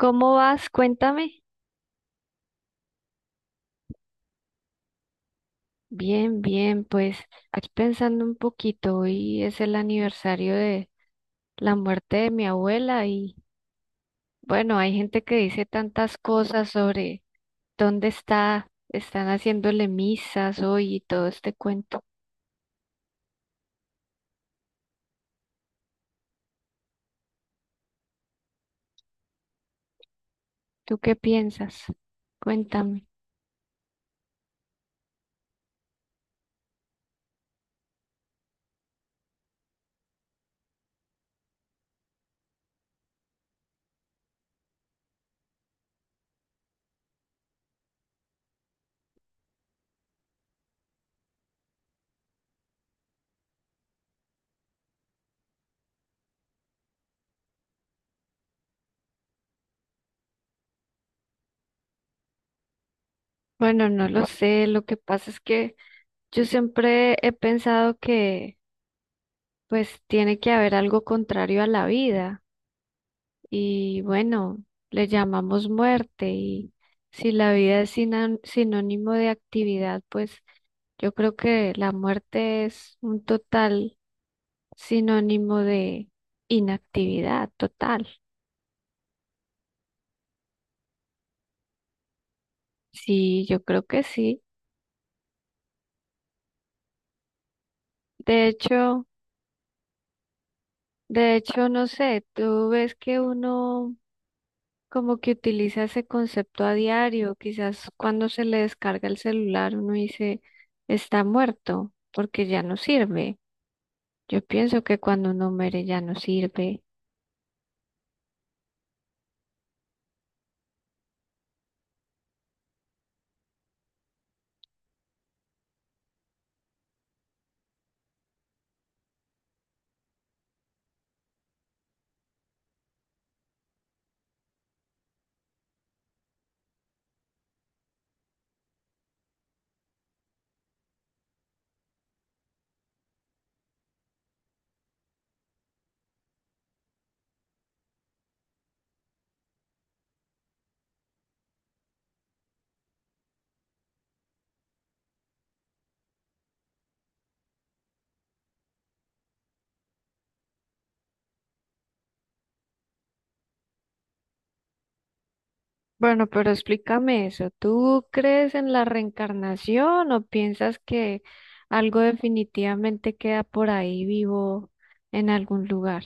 ¿Cómo vas? Cuéntame. Bien, bien, pues aquí pensando un poquito, hoy es el aniversario de la muerte de mi abuela y bueno, hay gente que dice tantas cosas sobre dónde está, están haciéndole misas hoy y todo este cuento. ¿Tú qué piensas? Cuéntame. Bueno, no lo sé, lo que pasa es que yo siempre he pensado que pues tiene que haber algo contrario a la vida. Y bueno, le llamamos muerte y si la vida es sinónimo de actividad, pues yo creo que la muerte es un total sinónimo de inactividad total. Sí, yo creo que sí. De hecho, de hecho, no sé, tú ves que uno como que utiliza ese concepto a diario, quizás cuando se le descarga el celular uno dice está muerto porque ya no sirve. Yo pienso que cuando uno muere ya no sirve. Bueno, pero explícame eso. ¿Tú crees en la reencarnación o piensas que algo definitivamente queda por ahí vivo en algún lugar?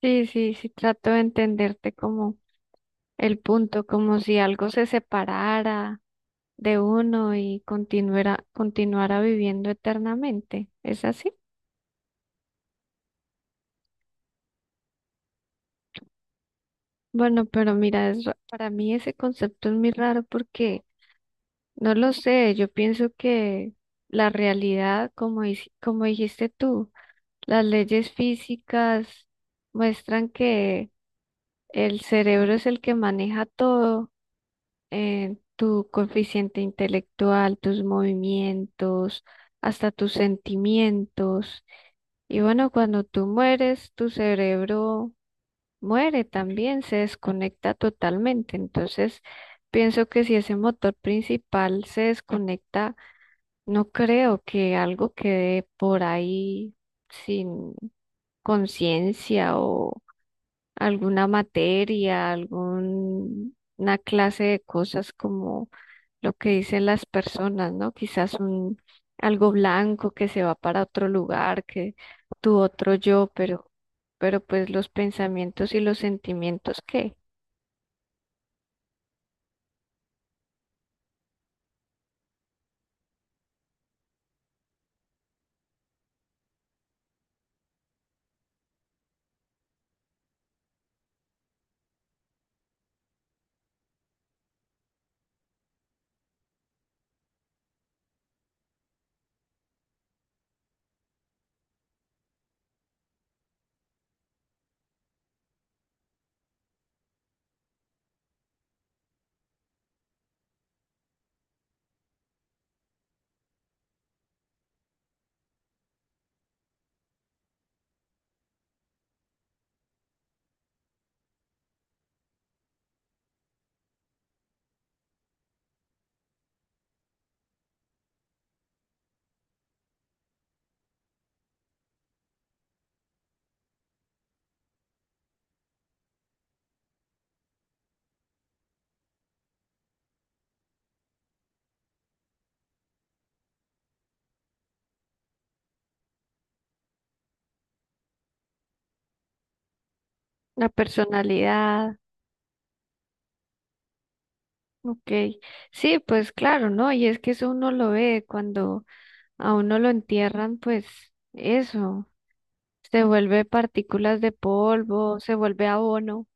Sí, sí, sí, trato de entenderte como el punto, como si algo se separara de uno y continuara, continuara viviendo eternamente. ¿Es así? Bueno, pero mira, es para mí ese concepto es muy raro porque no lo sé, yo pienso que la realidad, como, como dijiste tú, las leyes físicas muestran que el cerebro es el que maneja todo, tu coeficiente intelectual, tus movimientos, hasta tus sentimientos. Y bueno, cuando tú mueres, tu cerebro muere también, se desconecta totalmente. Entonces, pienso que si ese motor principal se desconecta, no creo que algo quede por ahí sin conciencia o alguna materia, alguna clase de cosas como lo que dicen las personas, ¿no? Quizás un algo blanco que se va para otro lugar, que tu otro yo, pero pues los pensamientos y los sentimientos, ¿qué? La personalidad, ok. Sí, pues claro, ¿no? Y es que eso uno lo ve cuando a uno lo entierran, pues eso, se vuelve partículas de polvo, se vuelve abono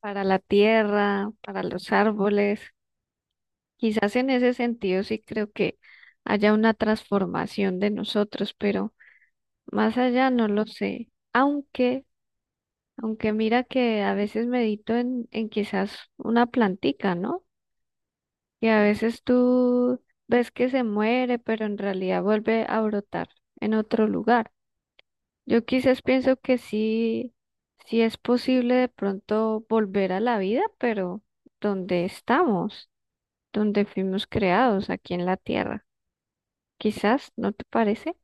para la tierra, para los árboles. Quizás en ese sentido sí creo que haya una transformación de nosotros, pero más allá no lo sé. Aunque, aunque mira que a veces medito en quizás una plantica, ¿no? Y a veces tú ves que se muere, pero en realidad vuelve a brotar en otro lugar. Yo quizás pienso que sí, sí es posible de pronto volver a la vida, pero donde estamos, donde fuimos creados, aquí en la tierra. Quizás, ¿no te parece?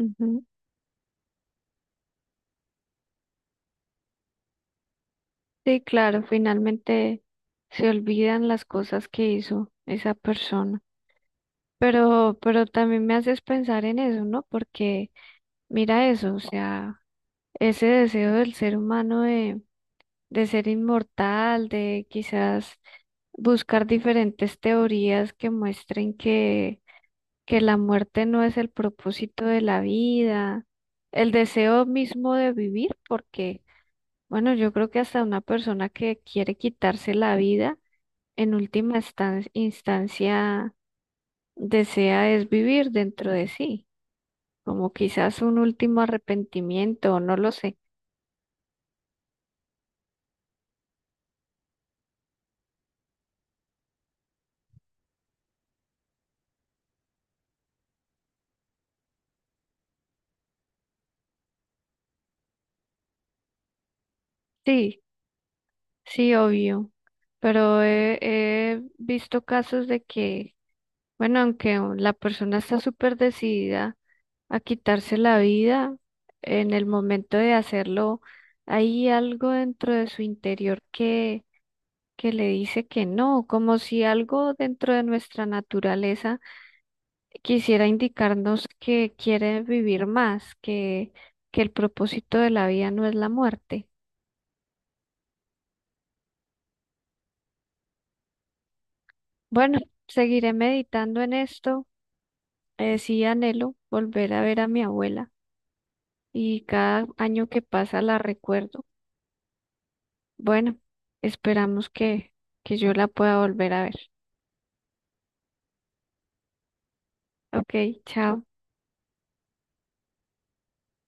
Ujú. Sí, claro, finalmente se olvidan las cosas que hizo esa persona. Pero también me haces pensar en eso, ¿no? Porque mira eso, o sea, ese deseo del ser humano de ser inmortal, de quizás buscar diferentes teorías que muestren que la muerte no es el propósito de la vida, el deseo mismo de vivir, porque, bueno, yo creo que hasta una persona que quiere quitarse la vida, en última instancia, desea es vivir dentro de sí, como quizás un último arrepentimiento, no lo sé. Sí, sí, obvio, pero he visto casos de que bueno, aunque la persona está súper decidida a quitarse la vida, en el momento de hacerlo, hay algo dentro de su interior que le dice que no, como si algo dentro de nuestra naturaleza quisiera indicarnos que quiere vivir más, que el propósito de la vida no es la muerte. Bueno, seguiré meditando en esto. Sí anhelo volver a ver a mi abuela y cada año que pasa la recuerdo. Bueno, esperamos que yo la pueda volver a ver. Ok, chao.